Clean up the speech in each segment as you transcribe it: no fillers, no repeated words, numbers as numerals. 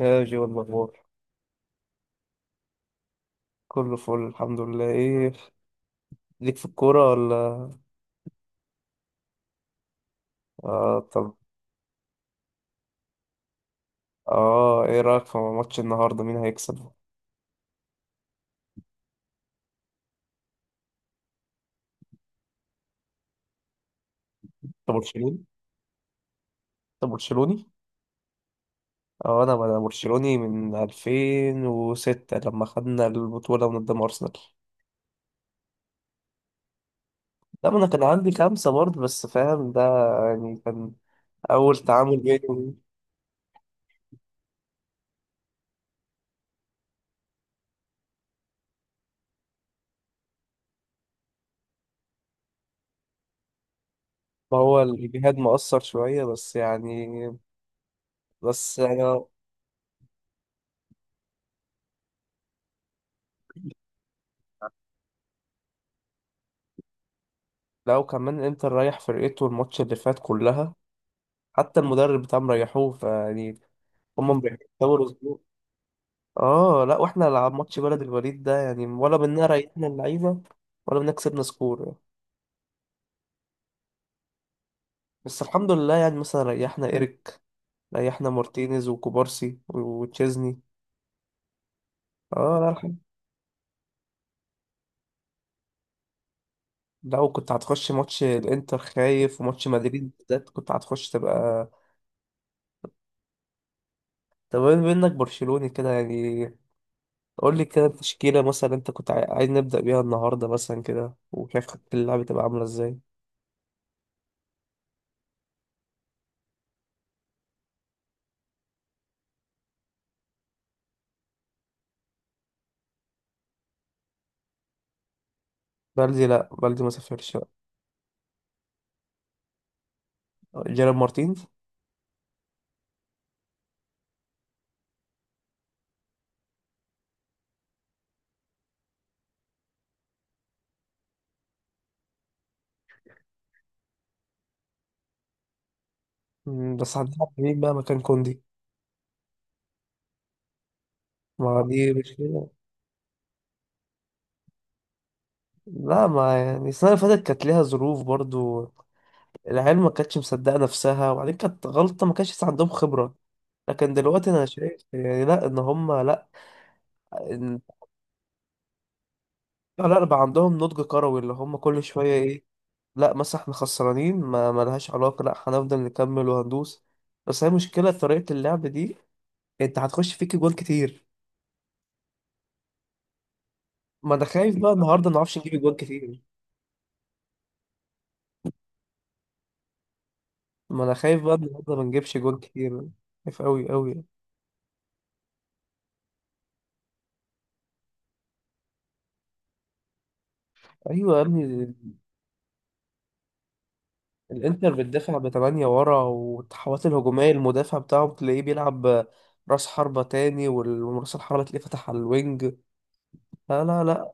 يا جي والأخبار. كله فل الحمد لله. ايه ليك في الكورة ولا؟ اه طب. اه ايه رأيك في ماتش النهاردة؟ مين هيكسب؟ انت برشلوني؟ انت برشلوني؟ اه انا برشلوني من 2006 لما خدنا البطولة من قدام أرسنال. لا ما انا كان عندي خمسة برضه، بس فاهم ده. يعني كان أول تعامل بيني وبين-. ما هو الجهاد مؤثر شوية بس يعني. بس يعني لو كمان انت رايح فرقته الماتش اللي فات كلها. حتى المدرب بتاعهم ريحوه فيعني. هم بيحتوا اسبوع. اه لا واحنا لعب ماتش بلد الوليد ده يعني، ولا منا ريحنا اللعيبه. ولا منا كسبنا سكور يعني. بس الحمد لله يعني مثلا ريحنا ايريك. ريحنا مارتينيز وكوبارسي وتشيزني. اه لا الحمد. لو كنت هتخش ماتش الانتر خايف، وماتش مدريد بالذات كنت هتخش تبقى. طب بما انك برشلوني كده يعني، قول لي كده التشكيله مثلا انت كنت عاي- عايز نبدا بيها النهارده مثلا كده، وشايف خطة اللعب تبقى عامله ازاي. بلدي، لا بلدي ما سافرش. جيرارد مارتين. بس هتلعب مين بقى مكان كوندي؟ ما دي مشكلة. لا ما يعني السنة اللي فاتت كانت ليها ظروف برضو. العيال ما كانتش مصدقة نفسها، وبعدين كانت غلطة، ما كانش لسه عندهم خبرة. لكن دلوقتي أنا شايف يعني لا إن هما لا. إن. لا بقى عندهم نضج كروي اللي هما كل شوية إيه. لا مثلا إحنا خسرانين ما ملهاش علاقة، لا هنفضل نكمل وهندوس. بس هي مشكلة طريقة اللعب دي. أنت هتخش فيك جوان كتير. ما أنا خايف بقى النهاردة ما نعرفش نجيب جوان كتير. ما انا خايف بقى النهارده ما نجيبش جول كتير. خايف قوي قوي. ايوه يا ابني ال-. الانتر بتدافع بتمانية ورا، والتحولات الهجوميه المدافع بتاعه تلاقيه بيلعب راس حربة تاني، وال- وراس الحربة تلاقيه فتح على الوينج. لا لا لا.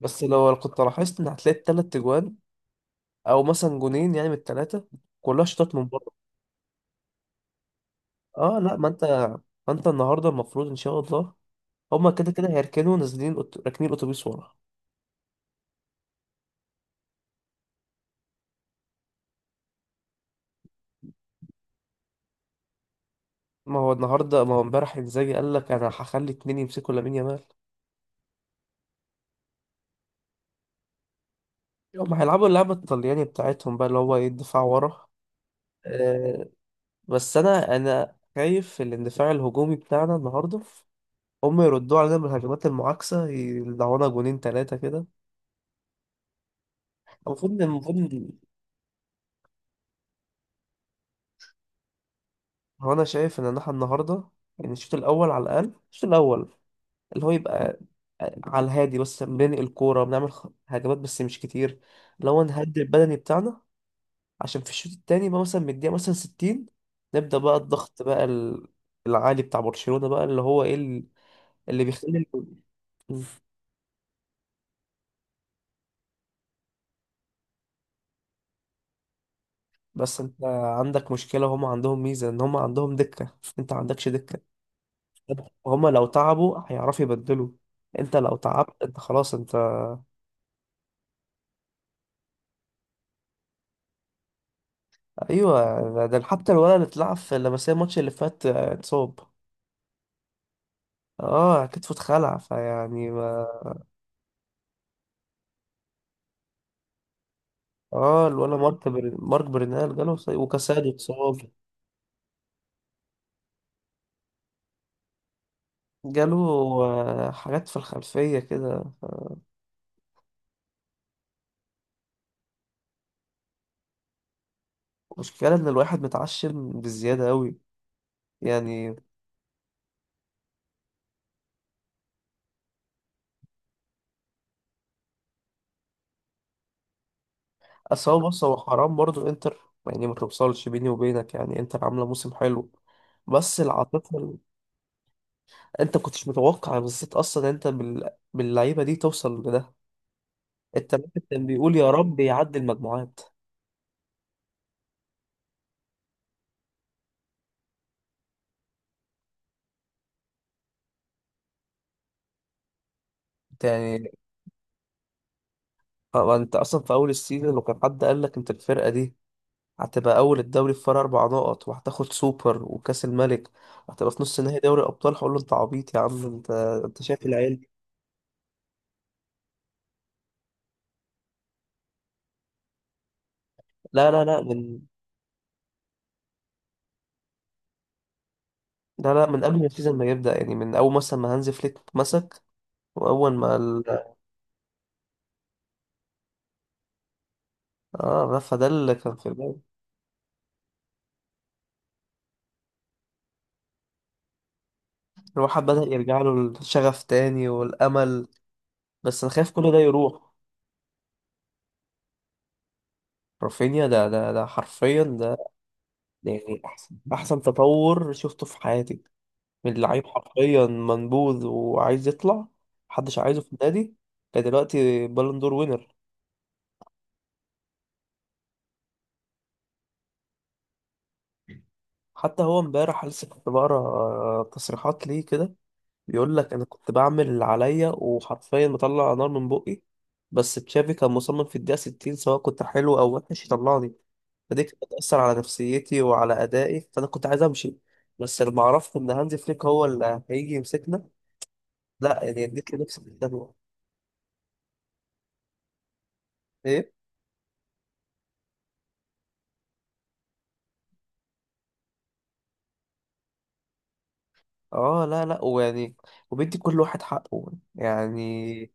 بس لو كنت لاحظت ان هتلاقي التلات تجوان او مثلا جونين يعني من التلاتة، كلها شوطات من بره. اه لا ما انت. ما انت النهارده المفروض ان شاء الله هما كده كده هيركنوا نازلين أت- راكنين اتوبيس ورا. ما هو النهارده، ما هو امبارح انزاجي قال لك انا هخلي اتنين يمسكوا لامين يامال. هم هيلعبوا اللعبة الطلياني بتاعتهم بقى، اللي هو ايه الدفاع ورا. أه. بس انا خايف الاندفاع الهجومي بتاعنا النهارده هم يردوا علينا بالهجمات المعاكسة، يدعونا جونين تلاتة كده. المفروض إن-. المفروض إن-. هو انا شايف ان احنا النهارده يعني الشوط الاول على الاقل، الشوط الاول اللي هو يبقى على الهادي، بس بننقل الكورة بنعمل خ- هجمات بس مش كتير. لو نهدي البدني بتاعنا عشان في الشوط التاني بقى، مثلا من الدقيقة مثلا 60 نبدأ بقى الضغط بقى ال- العالي بتاع برشلونة بقى، اللي هو ايه ال- اللي بيخلي ال-. مم. بس انت عندك مشكلة، وهم عندهم ميزة ان هم عندهم دكة، انت ما عندكش دكة. هم لو تعبوا هيعرفوا يبدلوا. انت لو تعبت انت خلاص انت. ايوه ده حتى الولد اللي اتلعب في لمسيه الماتش اللي فات اتصاب. اه كتفه اتخلع فيعني ما. اه الولد مارك بر... مارك برنال جاله إصابة، وكاسادو اتصاب. جاله حاجات في الخلفية كده. مشكلة إن الواحد متعشم بزيادة أوي يعني. أصل هو بص هو حرام برضه إنتر يعني، ما توصلش بيني وبينك يعني إنتر عاملة موسم حلو. بس العاطفة ال-. أنت كنتش متوقع بالذات أصلا أنت بال... باللعيبة دي توصل لده. أنت الواحد كان بيقول يا رب يعدي المجموعات. أنت يعني. طب أنت أصلا في أول السيزون لو كان حد قال لك أنت الفرقة دي هتبقى اول الدوري في فرق اربع نقط، وهتاخد سوبر وكاس الملك، وهتبقى في نص نهائي دوري ابطال، هقول له انت عبيط يا عم انت. انت شايف العيال دي؟ لا لا لا من. لا لا من قبل ما السيزون ما يبدا يعني، من اول مثلا ما هانز فليك مسك. واول ما ال-. اه فده اللي كان في البال. الواحد بدا يرجع له الشغف تاني والامل. بس انا خايف كل ده يروح. رافينيا ده ده ده حرفيا ده. يعني احسن احسن تطور شفته في حياتي. من لعيب حرفيا منبوذ وعايز يطلع محدش عايزه في النادي، كدلوقتي بالون دور وينر. حتى هو امبارح لسه كنت بقرا تصريحات ليه كده، بيقول لك انا كنت بعمل اللي عليا وحرفيا بطلع نار من بقي. بس تشافي كان مصمم في الدقيقة 60 سواء كنت حلو او وحش يطلعني. فدي كانت بتأثر على نفسيتي وعلى أدائي، فأنا كنت عايز أمشي. بس لما عرفت إن هانزي فليك هو اللي هيجي يمسكنا، لا يعني اديت لنفسي في الدنيا. اه لا لا ويعني. وبيدي كل واحد حقه يعني.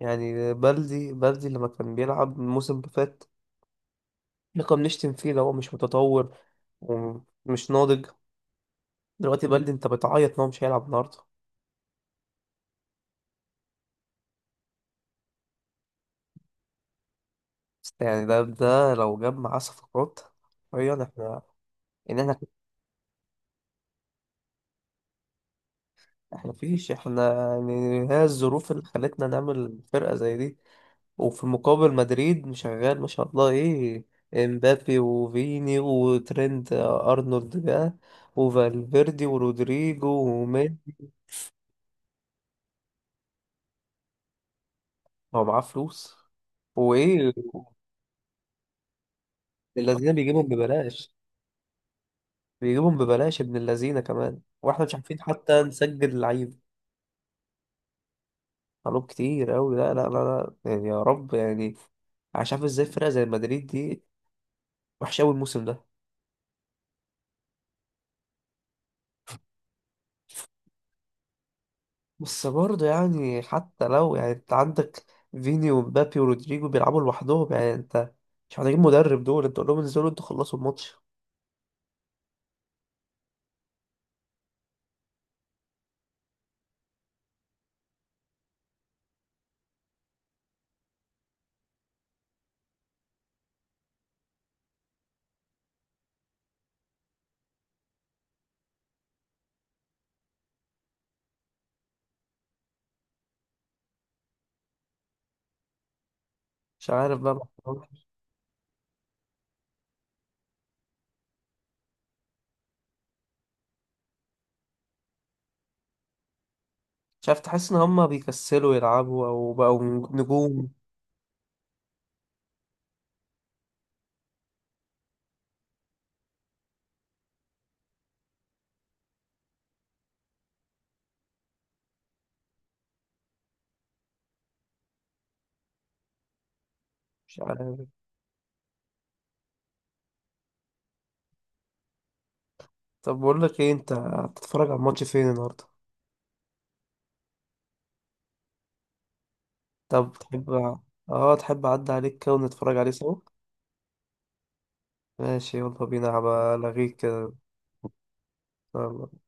يعني بلدي بلدي لما كان بيلعب الموسم اللي فات، احنا كنا بنشتم فيه لو هو مش متطور ومش ناضج. دلوقتي بلدي انت بتعيط ان هو مش هيلعب النهارده. بس يعني ده لو جاب معاه صفقات حرفيا احنا. يعني احنا. احنا مفيش احنا يعني، هي الظروف اللي خلتنا نعمل فرقة زي دي. وفي المقابل مدريد مشغل ما شاء الله ايه. امبابي وفيني وترينت ارنولد بقى، وفالفيردي ورودريجو ومين. هو معاه فلوس وايه. اللذينه بيجيبهم ببلاش. بيجيبهم ببلاش ابن اللذينه كمان، واحنا مش عارفين حتى نسجل لعيب. طلب كتير قوي لا لا لا لا يعني يا رب يعني. مش عارف ازاي فرقه زي مدريد دي وحشه قوي الموسم ده. بس برضه يعني حتى لو يعني انت عندك فيني ومبابي ورودريجو بيلعبوا لوحدهم يعني انت. مش محتاجين مدرب دول، انت قول لهم انزلوا انتوا خلصوا الماتش. مش عارف بقى. مش عارف تحس ان هما بيكسلوا يلعبوا او بقوا نجوم. مش عارف. طب بقول لك ايه، انت هتتفرج على الماتش فين النهارده؟ طب تحب. اه تحب اعدي عليك كده ونتفرج عليه سوا. ماشي يلا بينا هبقى الغيك كده. يلا.